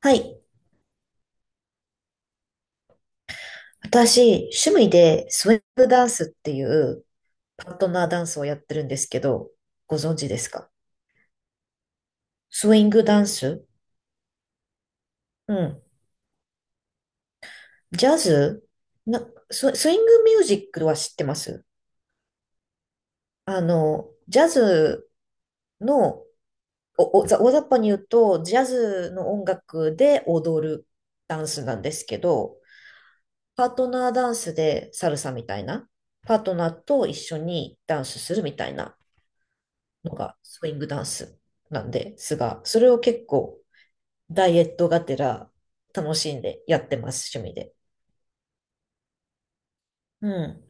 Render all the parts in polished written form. はい。私、趣味でスウェーブダンスっていうパートナーダンスをやってるんですけど、ご存知ですか？スウィングダンス。うん。ジャズな、スイングミュージックは知ってます。ジャズの、お、お、ざ大雑把に言うと、ジャズの音楽で踊るダンスなんですけど、パートナーダンスでサルサみたいな、パートナーと一緒にダンスするみたいな、のがスイングダンスなんですが、それを結構ダイエットがてら楽しんでやってます、趣味で。うん。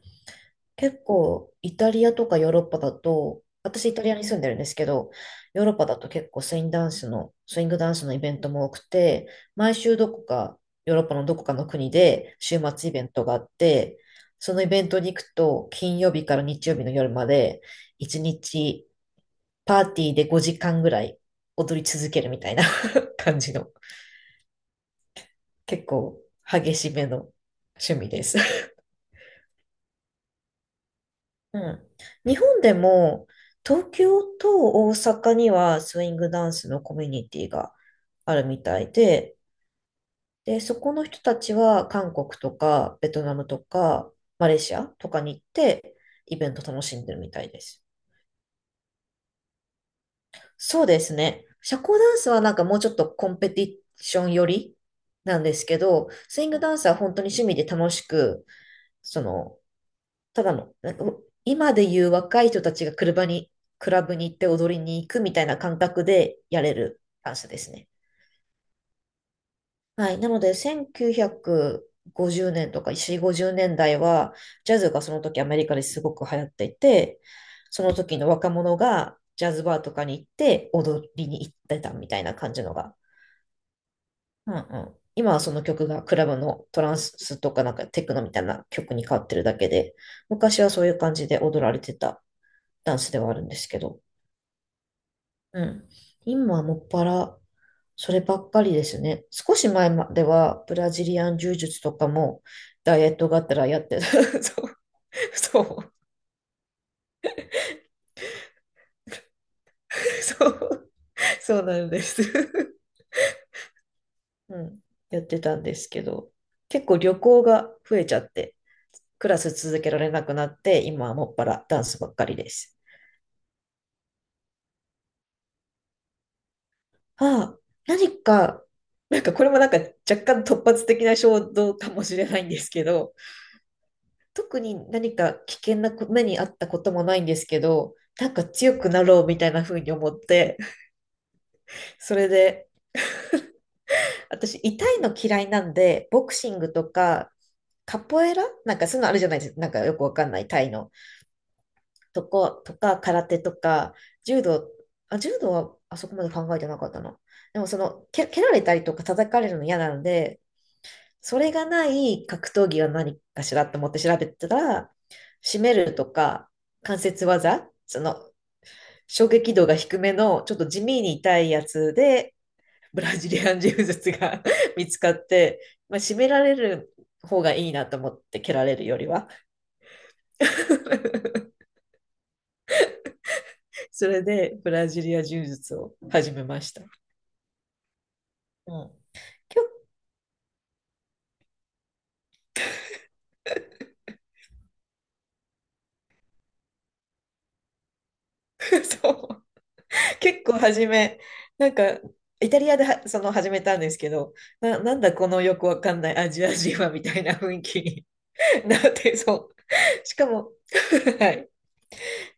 結構イタリアとかヨーロッパだと、私イタリアに住んでるんですけど、ヨーロッパだと結構スイングダンスの、スイングダンスのイベントも多くて、毎週どこか、ヨーロッパのどこかの国で週末イベントがあって、そのイベントに行くと、金曜日から日曜日の夜まで、一日パーティーで5時間ぐらい踊り続けるみたいな 感じの、結構激しめの趣味です。うん。日本でも、東京と大阪にはスイングダンスのコミュニティがあるみたいで、で、そこの人たちは韓国とかベトナムとかマレーシアとかに行ってイベント楽しんでるみたいです。そうですね。社交ダンスはなんかもうちょっとコンペティション寄りなんですけど、スイングダンスは本当に趣味で楽しく、その、ただの、なんか今でいう若い人たちが車に、クラブに行って踊りに行くみたいな感覚でやれるダンスですね。はい。なので、1950年とか4、50年代は、ジャズがその時アメリカですごく流行っていて、その時の若者がジャズバーとかに行って踊りに行ってたみたいな感じのが、うんうん。今はその曲がクラブのトランスとかなんかテクノみたいな曲に変わってるだけで、昔はそういう感じで踊られてたダンスではあるんですけど、うん。今はもっぱらそればっかりですね。少し前まではブラジリアン柔術とかもダイエットがあったらやってた。そう、そう、そう、そうなんです。うん。やってたんですけど、結構旅行が増えちゃって、クラス続けられなくなって、今はもっぱらダンスばっかりです。ああ、何か、なんかこれもなんか若干突発的な衝動かもしれないんですけど、特に何か危険な目にあったこともないんですけど、なんか強くなろうみたいな風に思って、それで、私痛いの嫌いなんで、ボクシングとか、カポエラなんかそういうのあるじゃないですか。なんかよくわかんないタイのとか、空手とか、柔道、あ、柔道はあそこまで考えてなかったな。でもその、蹴られたりとか叩かれるの嫌なので、それがない格闘技は何かしらと思って調べてたら、締めるとか、関節技、その、衝撃度が低めの、ちょっと地味に痛いやつで、ブラジリアン柔術が 見つかって、まあ、締められる方がいいなと思って、蹴られるよりは。それでブラジリア柔術を始めました。うん、結構そう結構初め、なんかイタリアではその始めたんですけど、なんだこのよくわかんないアジア人はみたいな雰囲気に なってそう。しかも はい。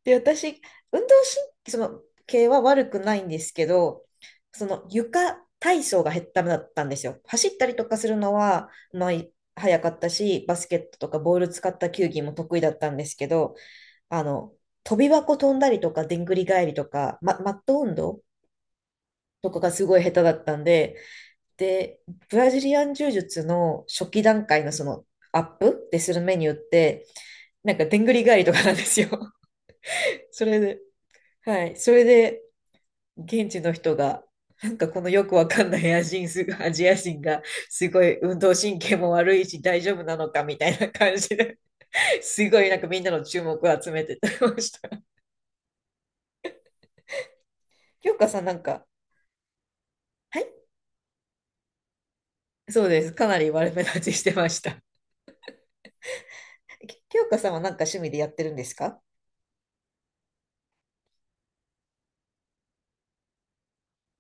で、私、運動神その系は悪くないんですけど、その床体操がダメだったんですよ。走ったりとかするのは、まあ、早かったし、バスケットとかボール使った球技も得意だったんですけど、あの、飛び箱飛んだりとか、でんぐり返りとか、マット運動とかがすごい下手だったんで、で、ブラジリアン柔術の初期段階のそのアップでするメニューって、なんかでんぐり返りとかなんですよ。それで、はい。それで、現地の人が、なんかこのよくわかんないアジア 人が、すごい運動神経も悪いし大丈夫なのかみたいな感じで、すごいなんかみんなの注目を集めてたりました。京香さんなんか、は、そうです。かなり悪目立ちしてました。清香さんは何か趣味でやってるんですか？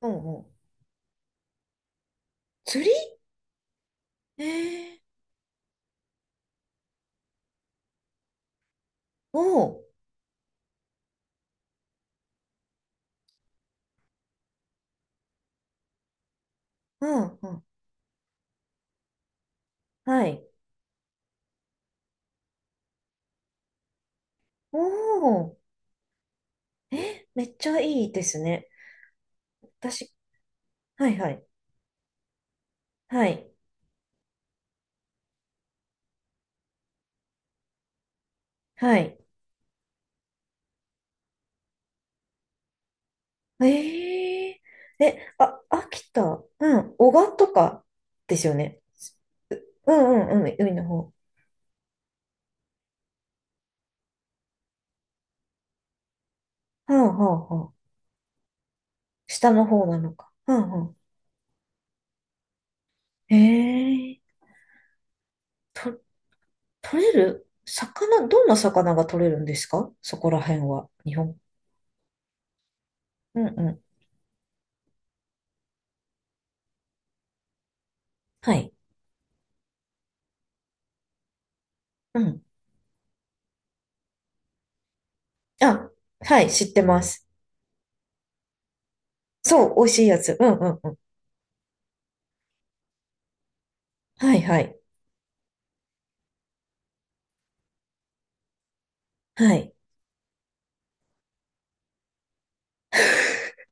うんうん。釣り。ええ。おー。うんうん。はい。おー。え、めっちゃいいですね。私、はいはい。はい。はい。えええ、あ、秋田、うん、男鹿とかですよね？うんうんうん、海の方。はあはあはあ。下の方なのか。うんうん。ええと、取れる魚、どんな魚が取れるんですか？そこら辺は。日本。うんうん。はい。うん。あ、はい、知ってます。そう、美味しいやつ。うんうんうん。はいはい。はい。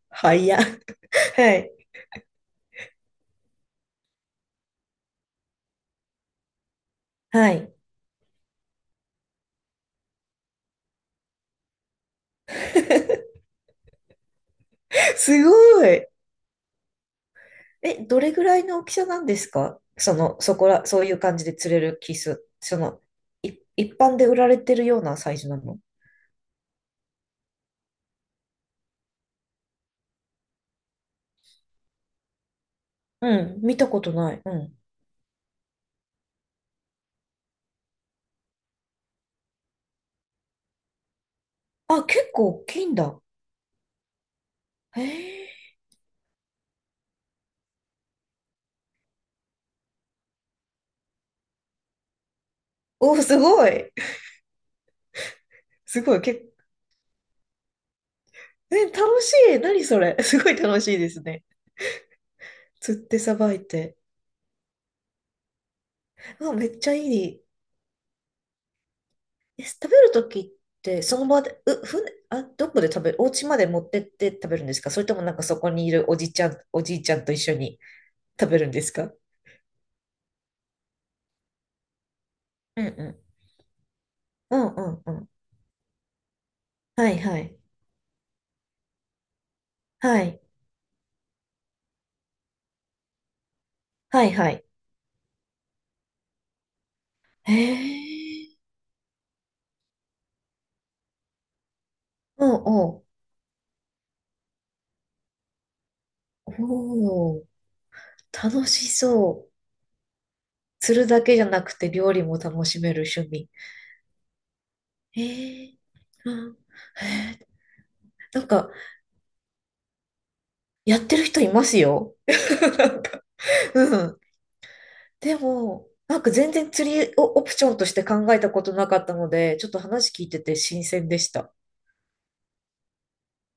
はいや。はい。はい。すごい。え、どれぐらいの大きさなんですか？その、そこら、そういう感じで釣れるキス。その、一般で売られてるようなサイズなの？うん、見たことない。うん。あ、結構大きいんだ。へえ。お、すごい。すごい。え、楽しい。何それ。すごい楽しいですね。釣ってさばいて。あ、めっちゃいい。え、食べるときって、その場で、船、あ、どこで食べる、お家まで持ってって食べるんですか？それともなんかそこにいるおじちゃん、おじいちゃんと一緒に食べるんですか？うんうん。うんうんうん。はいはい。はい。はいはい。へえ。うんうん。おお、楽しそう。釣るだけじゃなくて料理も楽しめる趣味。へえ。うん。へえ。なんか、やってる人いますよ。うん。でも、なんか全然釣りをオプションとして考えたことなかったので、ちょっと話聞いてて新鮮でした。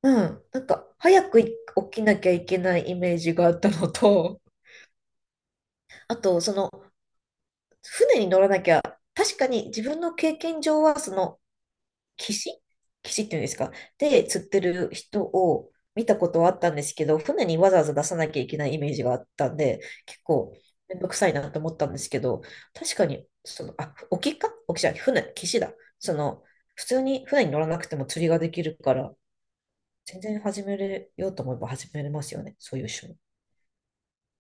うん。なんか、早く起きなきゃいけないイメージがあったのと、あと、その、船に乗らなきゃ、確かに自分の経験上は、その、岸岸っていうんですか？で、釣ってる人を見たことはあったんですけど、船にわざわざ出さなきゃいけないイメージがあったんで、結構めんどくさいなと思ったんですけど、確かに、その、あ、沖じゃない、船、岸だ。その、普通に船に乗らなくても釣りができるから、全然始めれようと思えば始めれますよね、そういう趣味。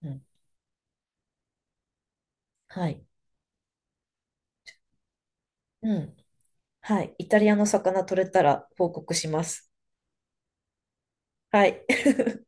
うん。はい。うん。はい。イタリアの魚取れたら報告します。はい。